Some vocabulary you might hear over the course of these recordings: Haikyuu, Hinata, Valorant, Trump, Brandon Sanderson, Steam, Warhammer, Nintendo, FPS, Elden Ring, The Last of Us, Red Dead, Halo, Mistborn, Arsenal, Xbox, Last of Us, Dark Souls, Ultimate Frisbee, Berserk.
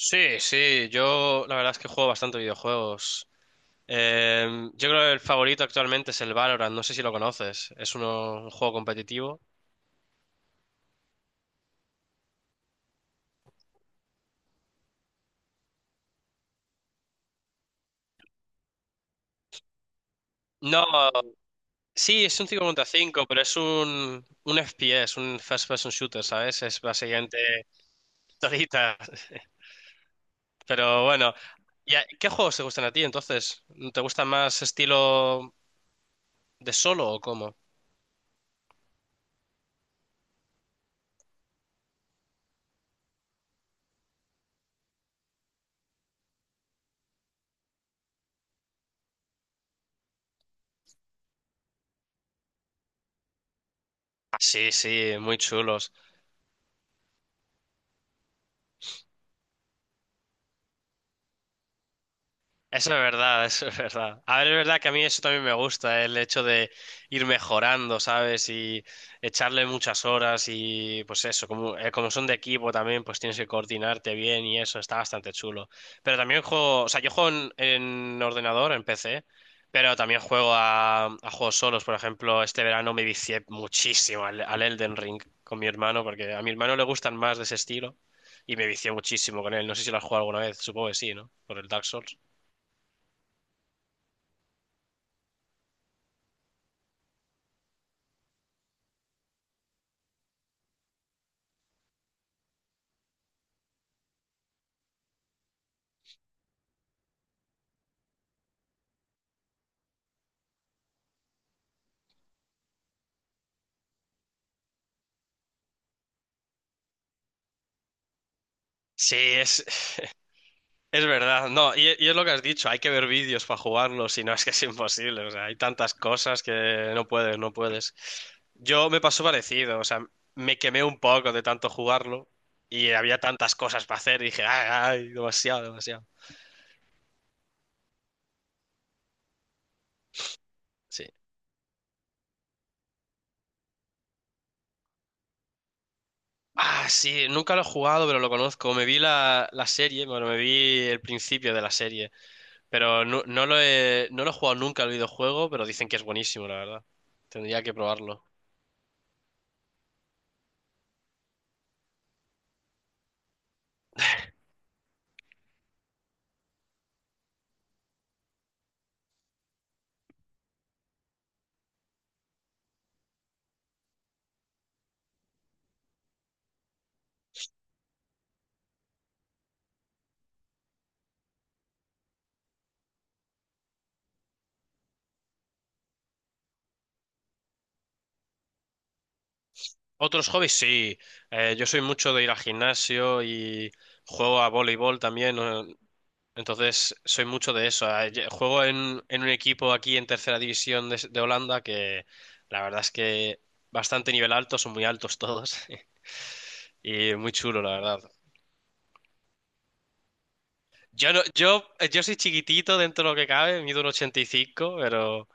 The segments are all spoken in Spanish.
Sí, sí, yo la verdad es que juego bastante videojuegos. Eh, yo creo que el favorito actualmente es el Valorant, no sé si lo conoces, es un juego competitivo. No, sí, es un 5 contra 5, pero es un FPS, un first person shooter, ¿sabes? Es básicamente solita. Pero bueno, ¿y qué juegos te gustan a ti entonces? ¿Te gusta más estilo de solo o cómo? Ah, sí, sí, muy chulos. Eso es verdad, eso es verdad. A ver, es verdad que a mí eso también me gusta, ¿eh? El hecho de ir mejorando, ¿sabes? Y echarle muchas horas y pues eso, como, como son de equipo también, pues tienes que coordinarte bien y eso, está bastante chulo. Pero también juego, o sea, yo juego en ordenador, en PC, pero también juego a juegos solos. Por ejemplo, este verano me vicié muchísimo al Elden Ring con mi hermano, porque a mi hermano le gustan más de ese estilo y me vicié muchísimo con él. No sé si lo has jugado alguna vez, supongo que sí, ¿no? Por el Dark Souls. Sí, es verdad. No, y es lo que has dicho, hay que ver vídeos para jugarlo, si no es que es imposible. O sea, hay tantas cosas que no puedes, no puedes. Yo me pasó parecido, o sea, me quemé un poco de tanto jugarlo y había tantas cosas para hacer y dije, ay, ay, demasiado, demasiado. Sí. Ah, sí, nunca lo he jugado, pero lo conozco. Me vi la serie, bueno, me vi el principio de la serie, pero no, no lo he, no lo he jugado nunca el videojuego, pero dicen que es buenísimo, la verdad. Tendría que probarlo. Otros hobbies, sí. Yo soy mucho de ir al gimnasio y juego a voleibol también. Entonces, soy mucho de eso. Juego en un equipo aquí en tercera división de Holanda que la verdad es que bastante nivel alto, son muy altos todos y muy chulo, la verdad. Yo no, yo, yo soy chiquitito dentro de lo que cabe, mido un 85, pero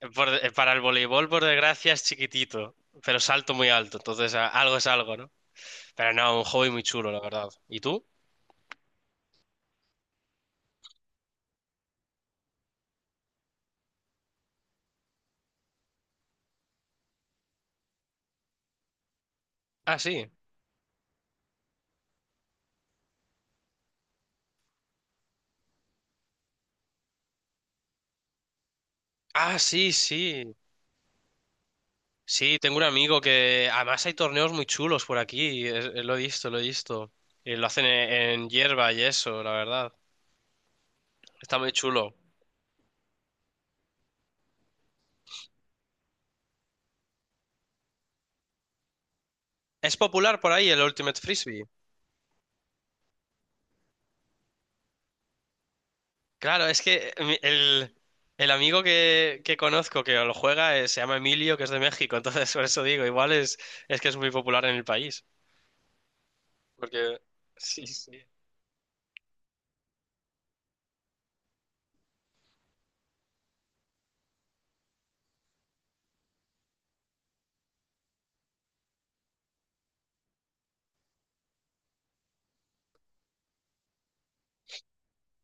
para el voleibol, por desgracia, es chiquitito, pero salto muy alto, entonces algo es algo, ¿no? Pero no, un hobby muy chulo, la verdad. ¿Y tú? Ah, sí. Ah, sí, sí. Sí, tengo un amigo que además hay torneos muy chulos por aquí. Lo he visto, lo he visto. Y lo hacen en hierba y eso, la verdad. Está muy chulo. Es popular por ahí el Ultimate Frisbee. Claro, es que el amigo que conozco que lo juega se llama Emilio, que es de México. Entonces, por eso digo, igual es que es muy popular en el país. Porque... Sí, sí.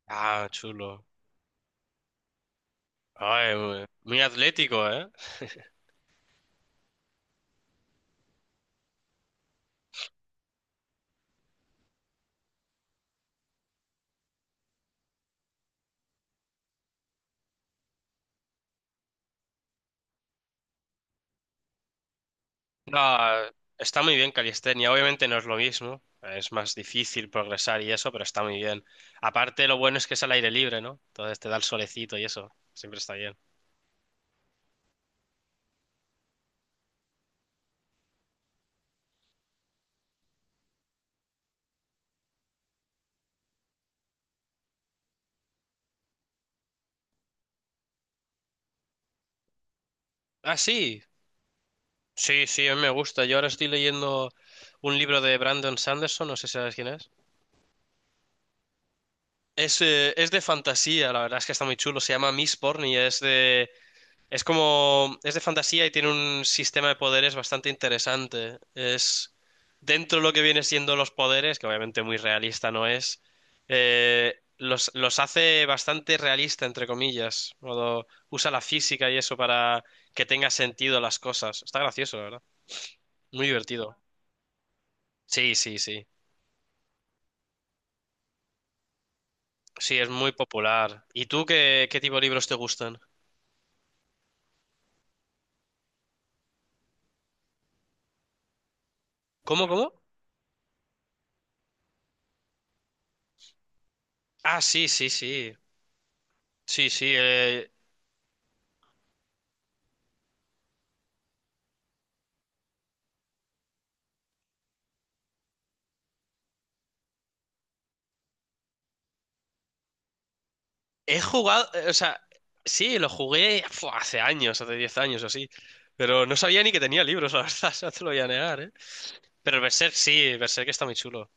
Ah, chulo. Ay, muy muy atlético, ¿eh? No, está muy bien calistenia. Obviamente no es lo mismo. Es más difícil progresar y eso, pero está muy bien. Aparte, lo bueno es que es al aire libre, ¿no? Entonces te da el solecito y eso. Siempre está bien. Ah, sí. Sí, sí, a mí me gusta. Yo ahora estoy leyendo un libro de Brandon Sanderson. No sé si sabes quién es. Es de fantasía, la verdad es que está muy chulo. Se llama Mistborn y es de... Es como, es de fantasía y tiene un sistema de poderes bastante interesante. Es, dentro de lo que viene siendo los poderes, que obviamente muy realista no es, los hace bastante realista, entre comillas. Modo, usa la física y eso para que tenga sentido las cosas. Está gracioso, la verdad. Muy divertido. Sí, sí, sí. Sí, es muy popular. ¿Y tú qué, qué tipo de libros te gustan? ¿Cómo, cómo? Ah, sí, sí, sí. Sí, sí. He jugado, o sea, sí, lo jugué hace años, hace 10 años o así. Pero no sabía ni que tenía libros, la verdad, no te lo voy a negar, ¿eh? Pero Berserk sí, Berserk está muy chulo.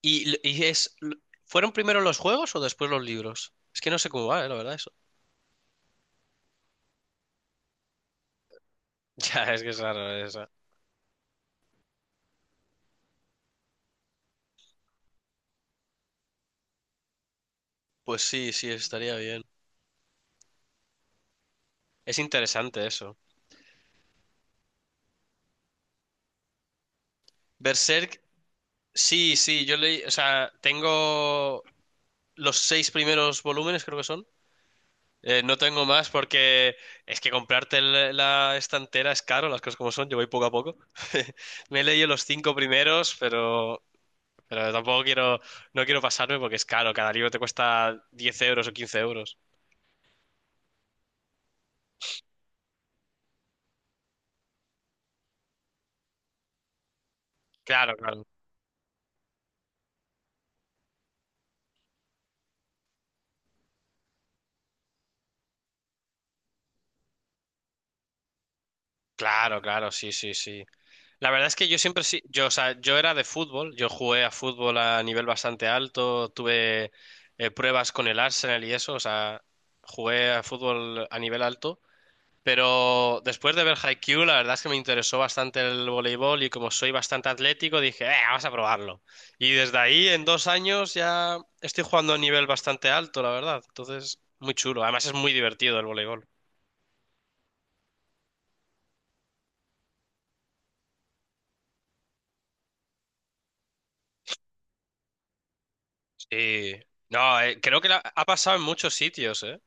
¿Y, l- y es, l- Fueron primero los juegos o después los libros? Es que no sé cómo va, ¿eh? La verdad, eso. Ya, es que es raro eso. Pues sí, sí, estaría bien. Es interesante eso. Berserk, sí, sí, yo leí, o sea, tengo los seis primeros volúmenes, creo que son. No tengo más porque es que comprarte la estantera es caro, las cosas como son, yo voy poco a poco. Me he leído los cinco primeros, pero tampoco quiero, no quiero pasarme porque es caro, cada libro te cuesta 10 euros o 15 euros. Claro, claro. Claro, claro, sí, sí, sí. La verdad es que yo siempre sí, yo, o sea, yo era de fútbol, yo jugué a fútbol a nivel bastante alto, tuve pruebas con el Arsenal y eso, o sea, jugué a fútbol a nivel alto. Pero después de ver Haikyuu, la verdad es que me interesó bastante el voleibol y como soy bastante atlético, dije, vamos a probarlo. Y desde ahí, en dos años, ya estoy jugando a un nivel bastante alto, la verdad. Entonces, muy chulo. Además, es muy divertido el voleibol. Sí. No, creo que ha pasado en muchos sitios, ¿eh?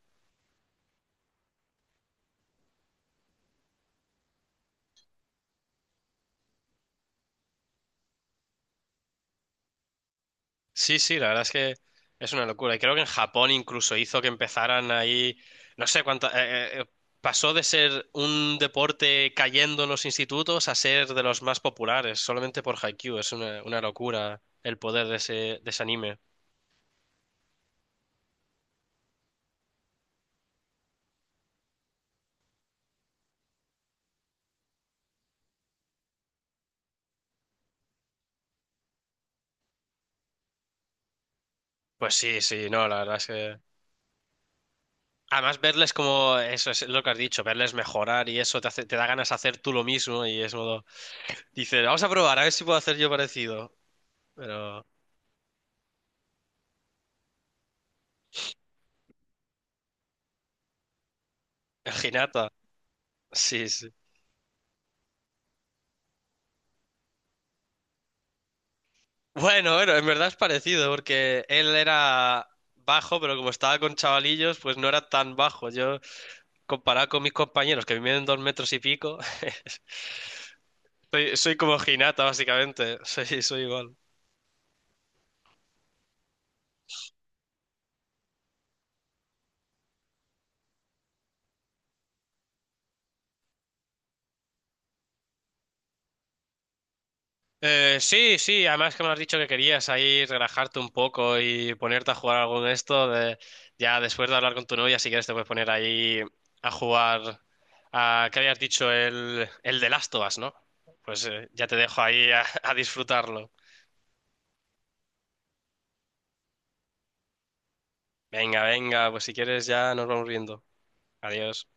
Sí, sí, la verdad es que es una locura. Y creo que en Japón incluso hizo que empezaran ahí, no sé cuánto, pasó de ser un deporte cayendo en los institutos a ser de los más populares, solamente por Haikyuu. Es una locura el poder de ese anime. Pues sí, sí, no, la verdad es que... Además, verles como, eso es lo que has dicho, verles mejorar y eso te te da ganas de hacer tú lo mismo y es modo, dices, vamos a probar, a ver si puedo hacer yo parecido. Pero, el Hinata, sí, sí. Bueno, bueno, en verdad es parecido, porque él era bajo, pero como estaba con chavalillos, pues no era tan bajo. Yo, comparado con mis compañeros, que miden dos metros y pico, soy, soy como Hinata, básicamente. Soy, soy igual. Sí, sí, además que me has dicho que querías ahí relajarte un poco y ponerte a jugar algo en esto. Ya después de hablar con tu novia, si quieres, te puedes poner ahí a jugar a, ¿qué habías dicho? El de Last of Us, ¿no? Pues ya te dejo ahí a disfrutarlo. Venga, venga, pues si quieres ya nos vamos viendo. Adiós.